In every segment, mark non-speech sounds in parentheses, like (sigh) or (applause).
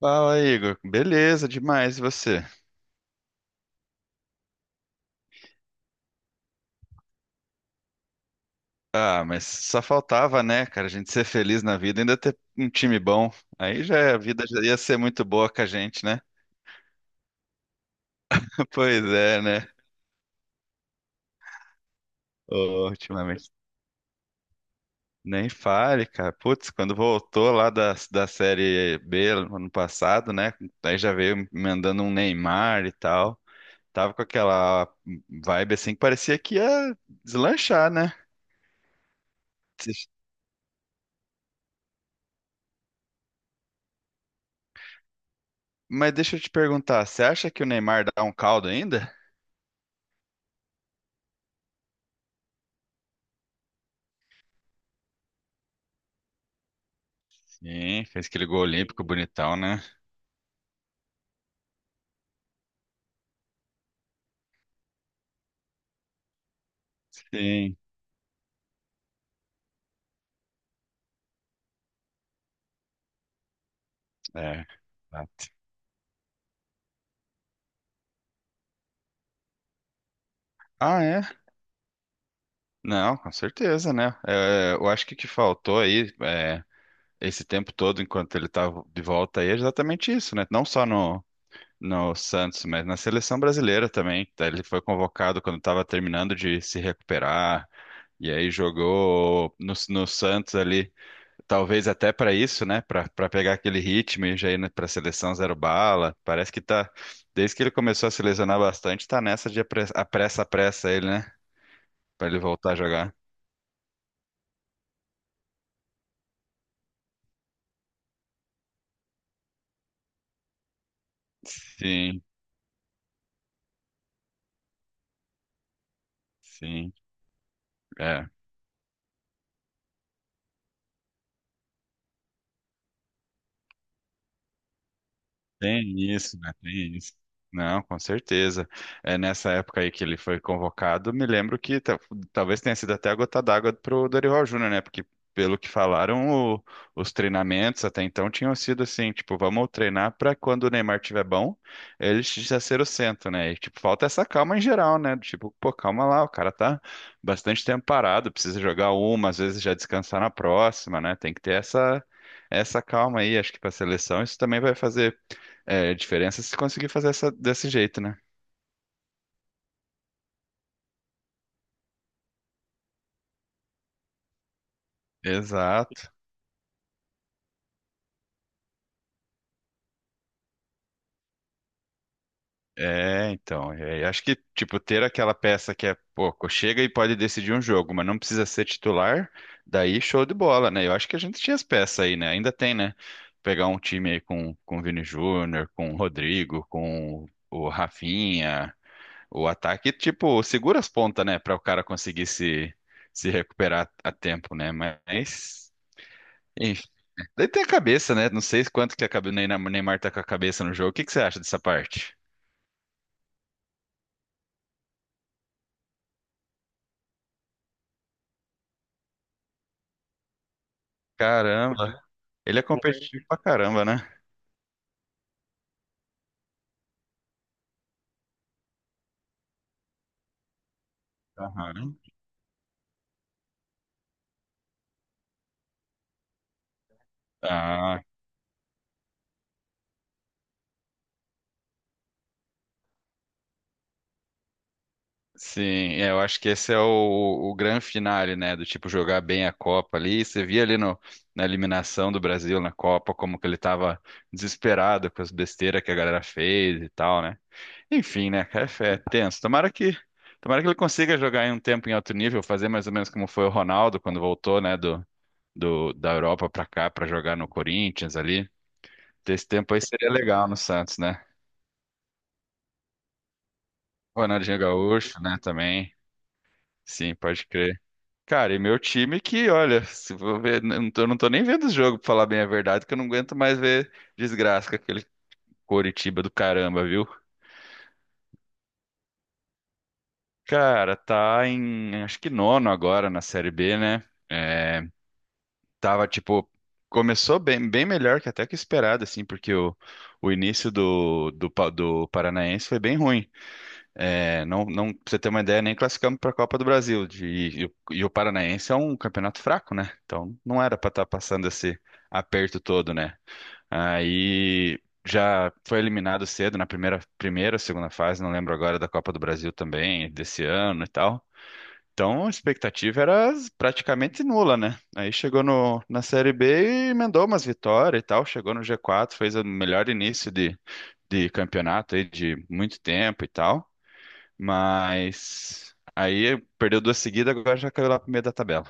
Fala, Igor. Beleza, demais. E você? Ah, mas só faltava, né, cara, a gente ser feliz na vida, e ainda ter um time bom. Aí já a vida já ia ser muito boa com a gente, né? (laughs) Pois é, né? Ô, ultimamente. Nem fale, cara. Putz, quando voltou lá da Série B ano passado, né? Aí já veio mandando um Neymar e tal. Tava com aquela vibe assim que parecia que ia deslanchar, né? Mas deixa eu te perguntar, você acha que o Neymar dá um caldo ainda? Sim, fez aquele gol olímpico bonitão, né? Sim, é. Exato. Ah, é? Não, com certeza, né? É, eu acho que o que faltou aí, é, esse tempo todo, enquanto ele estava de volta aí, é exatamente isso, né? Não só no Santos, mas na seleção brasileira também. Tá? Ele foi convocado quando estava terminando de se recuperar, e aí jogou no Santos ali. Talvez até para isso, né? Para pegar aquele ritmo e já ir para a seleção zero bala. Parece que tá. Desde que ele começou a se lesionar bastante, tá nessa de apressa, apressa, apressa ele, né? Para ele voltar a jogar. Sim, sim. É. Tem isso, né? Tem isso. Não, com certeza. É nessa época aí que ele foi convocado, me lembro que talvez tenha sido até a gota d'água pro Dorival Júnior, né? Porque pelo que falaram, o- os treinamentos até então tinham sido assim, tipo, vamos treinar para quando o Neymar tiver bom, ele já ser o centro, né? E tipo, falta essa calma em geral, né? Tipo, pô, calma lá, o cara tá bastante tempo parado, precisa jogar uma, às vezes já descansar na próxima, né? Tem que ter essa calma aí, acho que para a seleção isso também vai fazer é, a diferença é se conseguir fazer essa, desse jeito, né? Exato. É, então, é, acho que, tipo, ter aquela peça que é, pouco chega e pode decidir um jogo, mas não precisa ser titular, daí show de bola, né? Eu acho que a gente tinha as peças aí, né? Ainda tem, né? Pegar um time aí com o Vini Júnior, com o Rodrigo, com o Rafinha, o ataque, tipo, segura as pontas, né? Pra o cara conseguir se recuperar a tempo, né? Mas, daí tem a cabeça, né? Não sei quanto que a o Neymar tá com a cabeça no jogo. O que que você acha dessa parte? Caramba, ele é competitivo pra caramba, né? Aham. Ah, sim. É, eu acho que esse é o grande finale, né? Do tipo jogar bem a Copa ali. Você via ali no, na eliminação do Brasil na Copa como que ele tava desesperado com as besteiras que a galera fez e tal, né? Enfim, né? É tenso. Tomara que ele consiga jogar em um tempo em alto nível, fazer mais ou menos como foi o Ronaldo quando voltou, né? Da Europa pra cá pra jogar no Corinthians ali. Desse tempo aí seria legal no Santos, né? Ronaldinho Gaúcho, né, também. Sim, pode crer. Cara, e meu time que, olha, se vou ver, não tô nem vendo os jogos, pra falar bem a verdade, que eu não aguento mais ver desgraça com aquele Coritiba do caramba, viu? Cara, tá em, acho que nono agora na Série B, né? É, tava, tipo, começou bem, bem melhor que até que esperado, assim, porque o início do Paranaense foi bem ruim. É, não, não, pra você ter uma ideia, nem classificamos para a Copa do Brasil. De, e o Paranaense é um campeonato fraco, né? Então não era para estar passando esse aperto todo, né? Aí já foi eliminado cedo na primeira, segunda fase, não lembro agora da Copa do Brasil também, desse ano e tal. Então a expectativa era praticamente nula, né? Aí chegou no, na Série B e emendou umas vitórias e tal, chegou no G4, fez o melhor início de campeonato aí de muito tempo e tal. Mas aí perdeu duas seguidas, agora já caiu lá pro meio da tabela.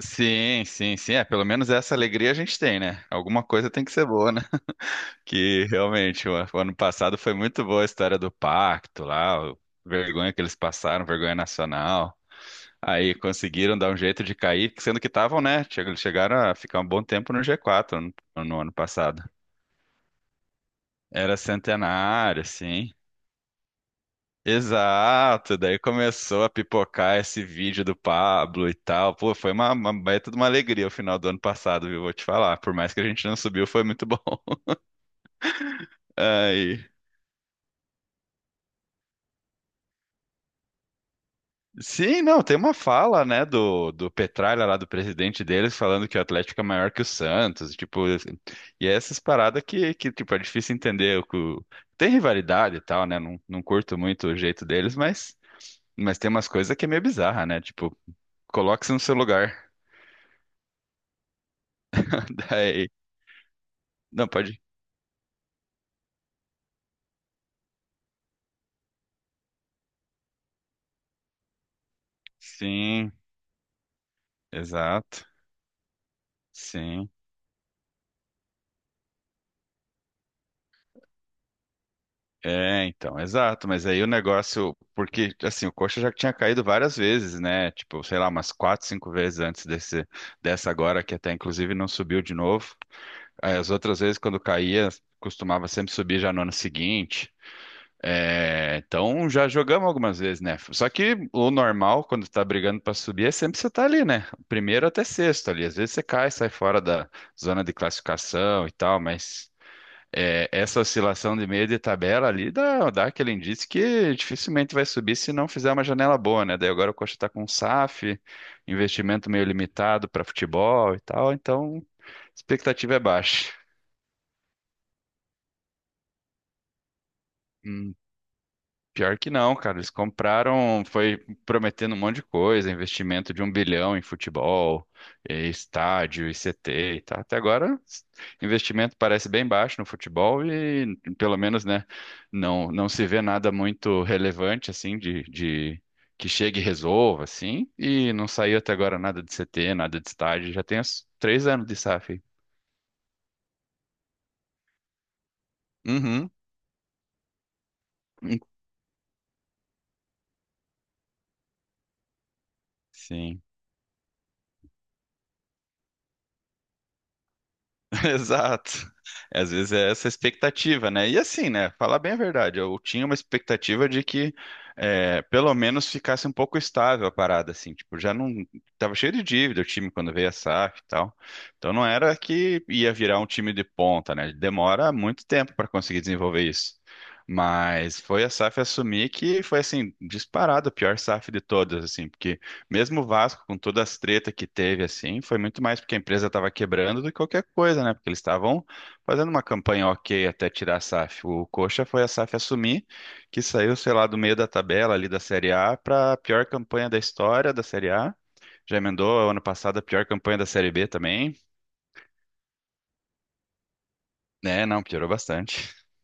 Sim, sim, sim. É, pelo menos essa alegria a gente tem, né? Alguma coisa tem que ser boa, né? (laughs) Que realmente, o ano passado foi muito boa a história do pacto lá, vergonha que eles passaram, vergonha nacional. Aí conseguiram dar um jeito de cair, sendo que estavam, né? Chegaram a ficar um bom tempo no G4 no ano passado. Era centenário, sim. Exato, daí começou a pipocar esse vídeo do Pablo e tal. Pô, foi uma baita de uma alegria o final do ano passado, viu? Vou te falar. Por mais que a gente não subiu, foi muito bom. (laughs) Aí. Sim, não, tem uma fala, né, do Petralha lá, do presidente deles, falando que o Atlético é maior que o Santos, tipo, assim, e é essas paradas que, tipo, é difícil entender, o que tem rivalidade e tal, né, não curto muito o jeito deles, mas, tem umas coisas que é meio bizarra, né, tipo, coloque-se no seu lugar, (laughs) daí, não, pode sim, exato. Sim. É, então, exato. Mas aí o negócio, porque assim, o coxa já tinha caído várias vezes, né? Tipo, sei lá, umas quatro, cinco vezes antes dessa agora, que até inclusive não subiu de novo. Aí, as outras vezes, quando caía, costumava sempre subir já no ano seguinte. É, então já jogamos algumas vezes, né? Só que o normal, quando tá brigando pra subir, é sempre você tá ali, né? Primeiro até sexto ali. Às vezes você cai, sai fora da zona de classificação e tal, mas. É, essa oscilação de meio de tabela ali dá aquele indício que dificilmente vai subir se não fizer uma janela boa, né? Daí agora o Coxa está com um SAF, investimento meio limitado para futebol e tal, então a expectativa é baixa. Hum. Pior que não, cara. Eles compraram, foi prometendo um monte de coisa, investimento de um bilhão em futebol, estádio, ICT e tal. Até agora, investimento parece bem baixo no futebol e, pelo menos, né, não se vê nada muito relevante, assim, de que chegue e resolva, assim. E não saiu até agora nada de CT, nada de estádio. Já tem uns três anos de SAF aí. Uhum. Sim. (laughs) Exato. Às vezes é essa expectativa, né? E assim, né? Falar bem a verdade, eu tinha uma expectativa de que é, pelo menos ficasse um pouco estável a parada, assim. Tipo, já não. Tava cheio de dívida o time quando veio a SAF e tal. Então não era que ia virar um time de ponta, né? Demora muito tempo para conseguir desenvolver isso. Mas foi a SAF assumir que foi, assim, disparado a pior SAF de todas, assim, porque. Mesmo o Vasco, com todas as tretas que teve, assim, foi muito mais porque a empresa estava quebrando do que qualquer coisa, né? Porque eles estavam fazendo uma campanha ok até tirar a SAF. O Coxa foi a SAF assumir, que saiu, sei lá, do meio da tabela ali da Série A para a pior campanha da história da Série A. Já emendou ano passado a pior campanha da Série B também. Né, não, piorou bastante. (laughs)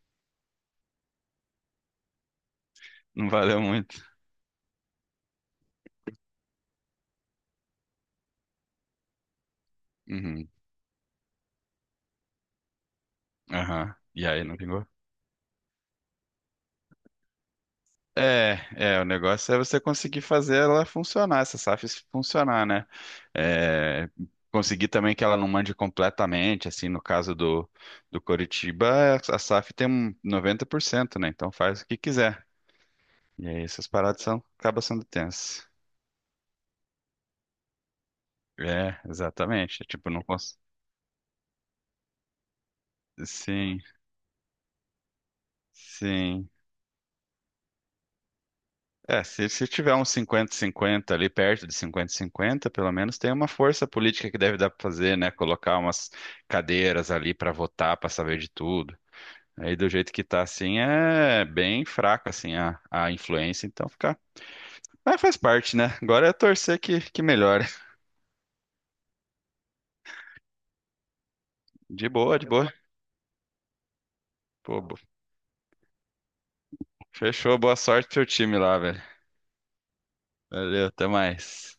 Não valeu muito. Uhum. Aham. E aí, não vingou? O negócio é você conseguir fazer ela funcionar, essa SAF funcionar, né? É, conseguir também que ela não mande completamente, assim, no caso do Coritiba, a SAF tem um 90%, né? Então faz o que quiser. E aí essas paradas são, acabam sendo tensas. É, exatamente. É. Tipo, não cons... Sim, sim. É, se tiver uns 50 cinquenta ali, perto de 50 cinquenta pelo menos tem uma força política que deve dar para fazer, né? Colocar umas cadeiras ali para votar, para saber de tudo. Aí do jeito que tá assim, é bem fraca assim a influência, então fica. Mas faz parte, né? Agora é torcer que melhore. De boa, de boa. Pô, fechou, boa sorte pro seu time lá, velho. Valeu, até mais.